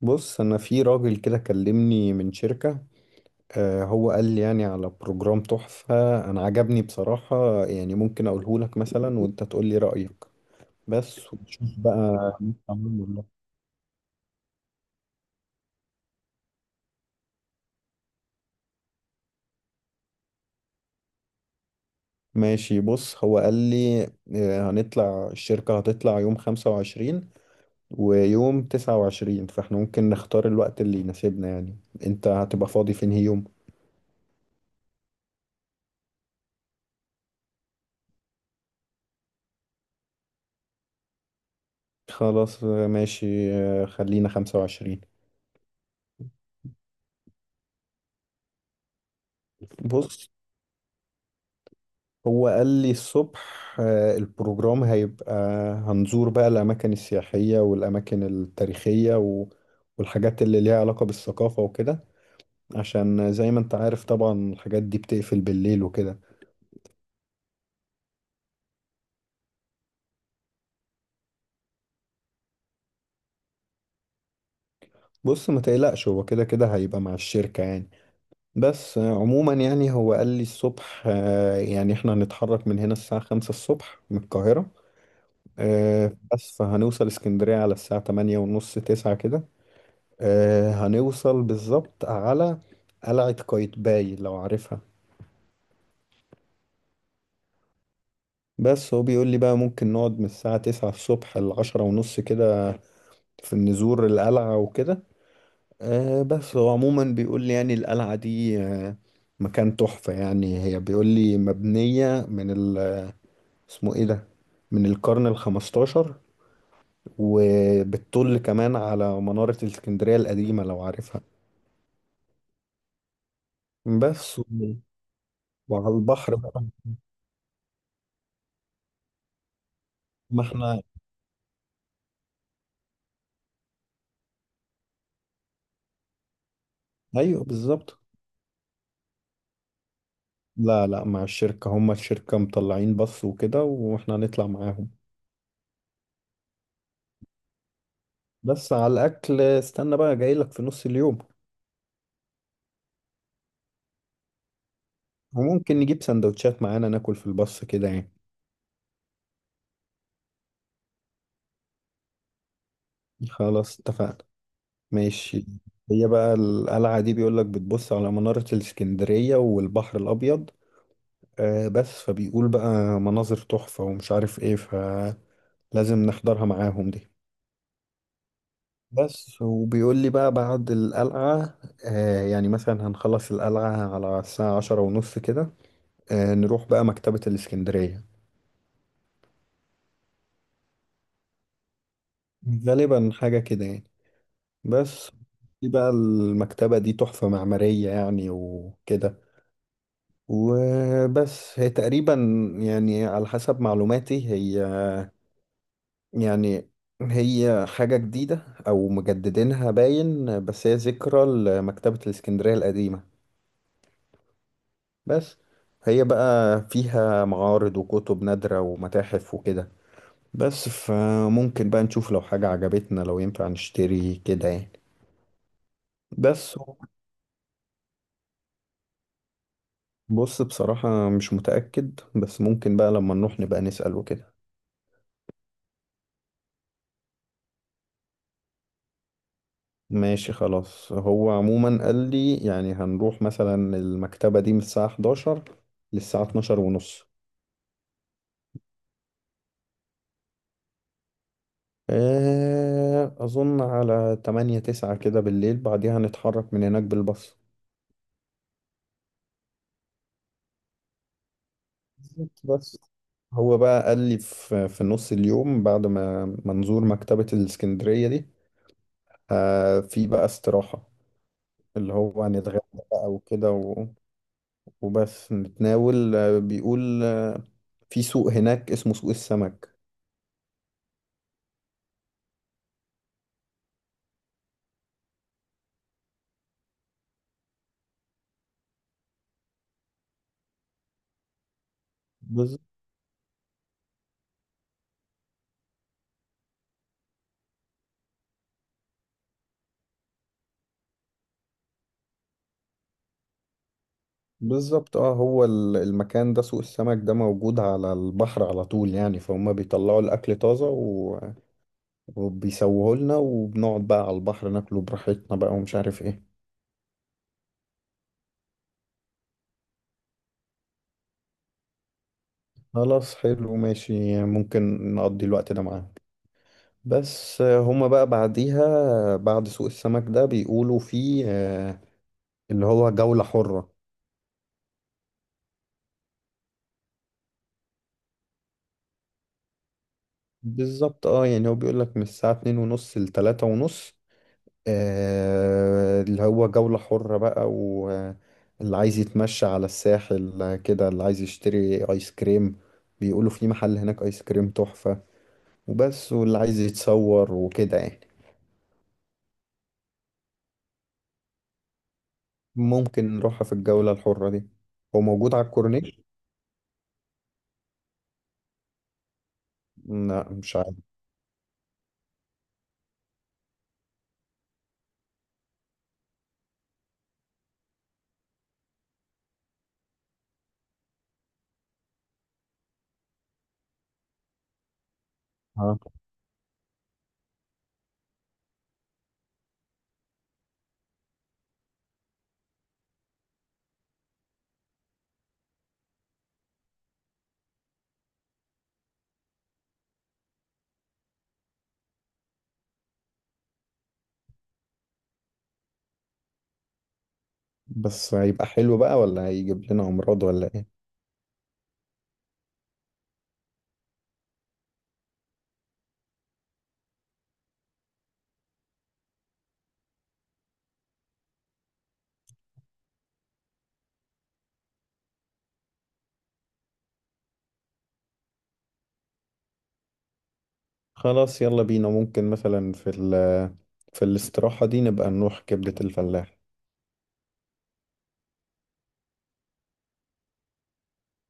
بص انا في راجل كده كلمني من شركة. هو قال لي يعني على بروجرام تحفة. انا عجبني بصراحة، يعني ممكن اقوله لك مثلا وانت تقول لي رأيك. بس ونشوف بقى. تمام والله. ماشي، بص هو قال لي هنطلع. الشركة هتطلع يوم 25 ويوم 29، فاحنا ممكن نختار الوقت اللي يناسبنا يعني. انت هتبقى فاضي في انهي يوم؟ خلاص ماشي خلينا 25. بص هو قال لي الصبح، البروجرام هيبقى هنزور بقى الأماكن السياحية والأماكن التاريخية والحاجات اللي ليها علاقة بالثقافة وكده، عشان زي ما انت عارف طبعا الحاجات دي بتقفل بالليل وكده. بص ما تقلقش، هو كده كده هيبقى مع الشركة يعني. بس عموما يعني هو قال لي الصبح يعني احنا هنتحرك من هنا الساعة 5 الصبح من القاهرة. بس فهنوصل اسكندرية على الساعة 8:30 9 كده. هنوصل بالظبط على قلعة قايتباي، لو عارفها. بس هو بيقول لي بقى ممكن نقعد من الساعة 9 الصبح لعشرة ونص كده، في نزور القلعة وكده. بس هو عموما بيقول لي يعني القلعة دي مكان تحفة، يعني هي بيقول لي مبنية من اسمه ايه ده، من القرن 15، وبتطل كمان على منارة الاسكندرية القديمة لو عارفها. بس و- وعلى البحر بقى. ما احنا ايوه بالظبط. لا لا، مع الشركة، هما الشركة مطلعين بص وكده، واحنا هنطلع معاهم. بس على الأكل استنى بقى، جايلك في نص اليوم. وممكن نجيب سندوتشات معانا ناكل في البص كده يعني. خلاص اتفقنا. ماشي. هي بقى القلعة دي بيقولك بتبص على منارة الإسكندرية والبحر الأبيض، بس فبيقول بقى مناظر تحفة ومش عارف ايه، فلازم نحضرها معاهم دي. بس وبيقول لي بقى بعد القلعة، يعني مثلا هنخلص القلعة على الساعة 10:30 كده، نروح بقى مكتبة الإسكندرية. غالبا حاجة كده يعني، بس. دي بقى المكتبة دي تحفة معمارية يعني وكده، وبس. هي تقريبا يعني على حسب معلوماتي، هي يعني هي حاجة جديدة أو مجددينها باين، بس هي ذكرى لمكتبة الإسكندرية القديمة، بس. هي بقى فيها معارض وكتب نادرة ومتاحف وكده، بس فممكن بقى نشوف لو حاجة عجبتنا، لو ينفع نشتري كده يعني، بس. بص بصراحة مش متأكد، بس ممكن بقى لما نروح نبقى نسأل وكده. ماشي خلاص، هو عموما قال لي يعني هنروح مثلا المكتبة دي من الساعة 11 للساعة 12 ونص. أظن على 8 9 كده بالليل، بعديها هنتحرك من هناك بالباص. بالظبط بس، هو بقى قال لي في نص اليوم بعد ما منظور مكتبة الإسكندرية دي، في بقى استراحة اللي هو هنتغدى بقى وكده وبس نتناول، بيقول في سوق هناك اسمه سوق السمك. بز- بالظبط. اه هو المكان ده سوق السمك ده موجود على البحر على طول، يعني فهم بيطلعوا الأكل طازة وبيسووه لنا وبنقعد بقى على البحر ناكله براحتنا بقى، ومش عارف ايه. خلاص حلو ماشي، ممكن نقضي الوقت ده معاه. بس هما بقى بعديها بعد سوق السمك ده بيقولوا فيه اللي هو جولة حرة. بالظبط اه، يعني هو بيقولك من الساعة 2:30 لتلاتة ونص، اللي هو جولة حرة بقى، واللي عايز يتمشى على الساحل كده، اللي عايز يشتري ايس كريم بيقولوا في محل هناك ايس كريم تحفة، وبس، واللي عايز يتصور وكده يعني. ممكن نروحها في الجولة الحرة دي. هو موجود على الكورنيش؟ لا، مش عارف. بس هيبقى حلو بقى ولا هيجيب لنا امراض ولا ايه؟ خلاص يلا بينا، ممكن مثلا في الاستراحة دي نبقى نروح كبدة الفلاح.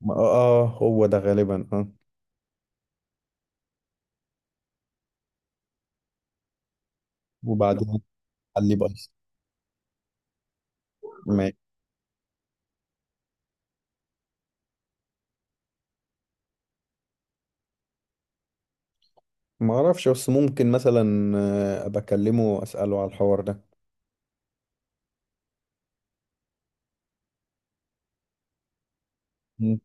ما- اه هو ده غالبا اه وبعدين علي بايظ. ما ما اعرفش، بس ممكن مثلا ابقى اكلمه واساله على الحوار ده. مم.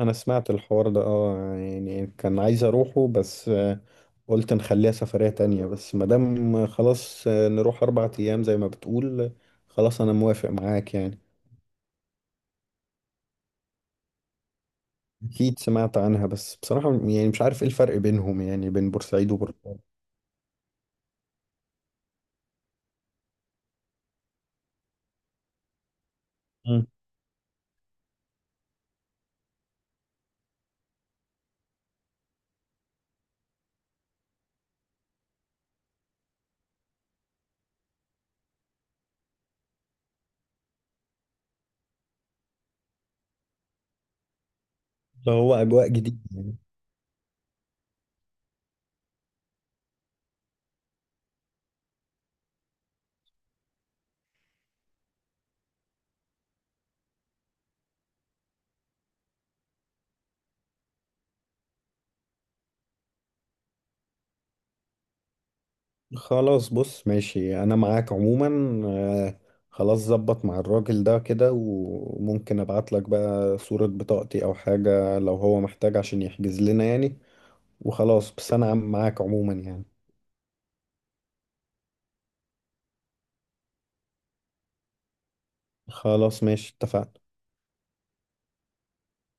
انا سمعت الحوار ده، اه يعني كان عايز اروحه، بس قلت نخليها سفرية تانية، بس مادام خلاص نروح 4 ايام زي ما بتقول، خلاص انا موافق معاك يعني. أكيد سمعت عنها، بس بصراحة يعني مش عارف إيه الفرق بينهم، يعني بين بورسعيد وبورسعيد. مم. ده هو أجواء جديدة يعني. خلاص بص ماشي، أنا معاك عموما. آه، خلاص ظبط مع الراجل ده كده، وممكن أبعت لك بقى صورة بطاقتي أو حاجة لو هو محتاج عشان يحجز لنا يعني، وخلاص بس أنا معاك عموما يعني. خلاص ماشي اتفقنا.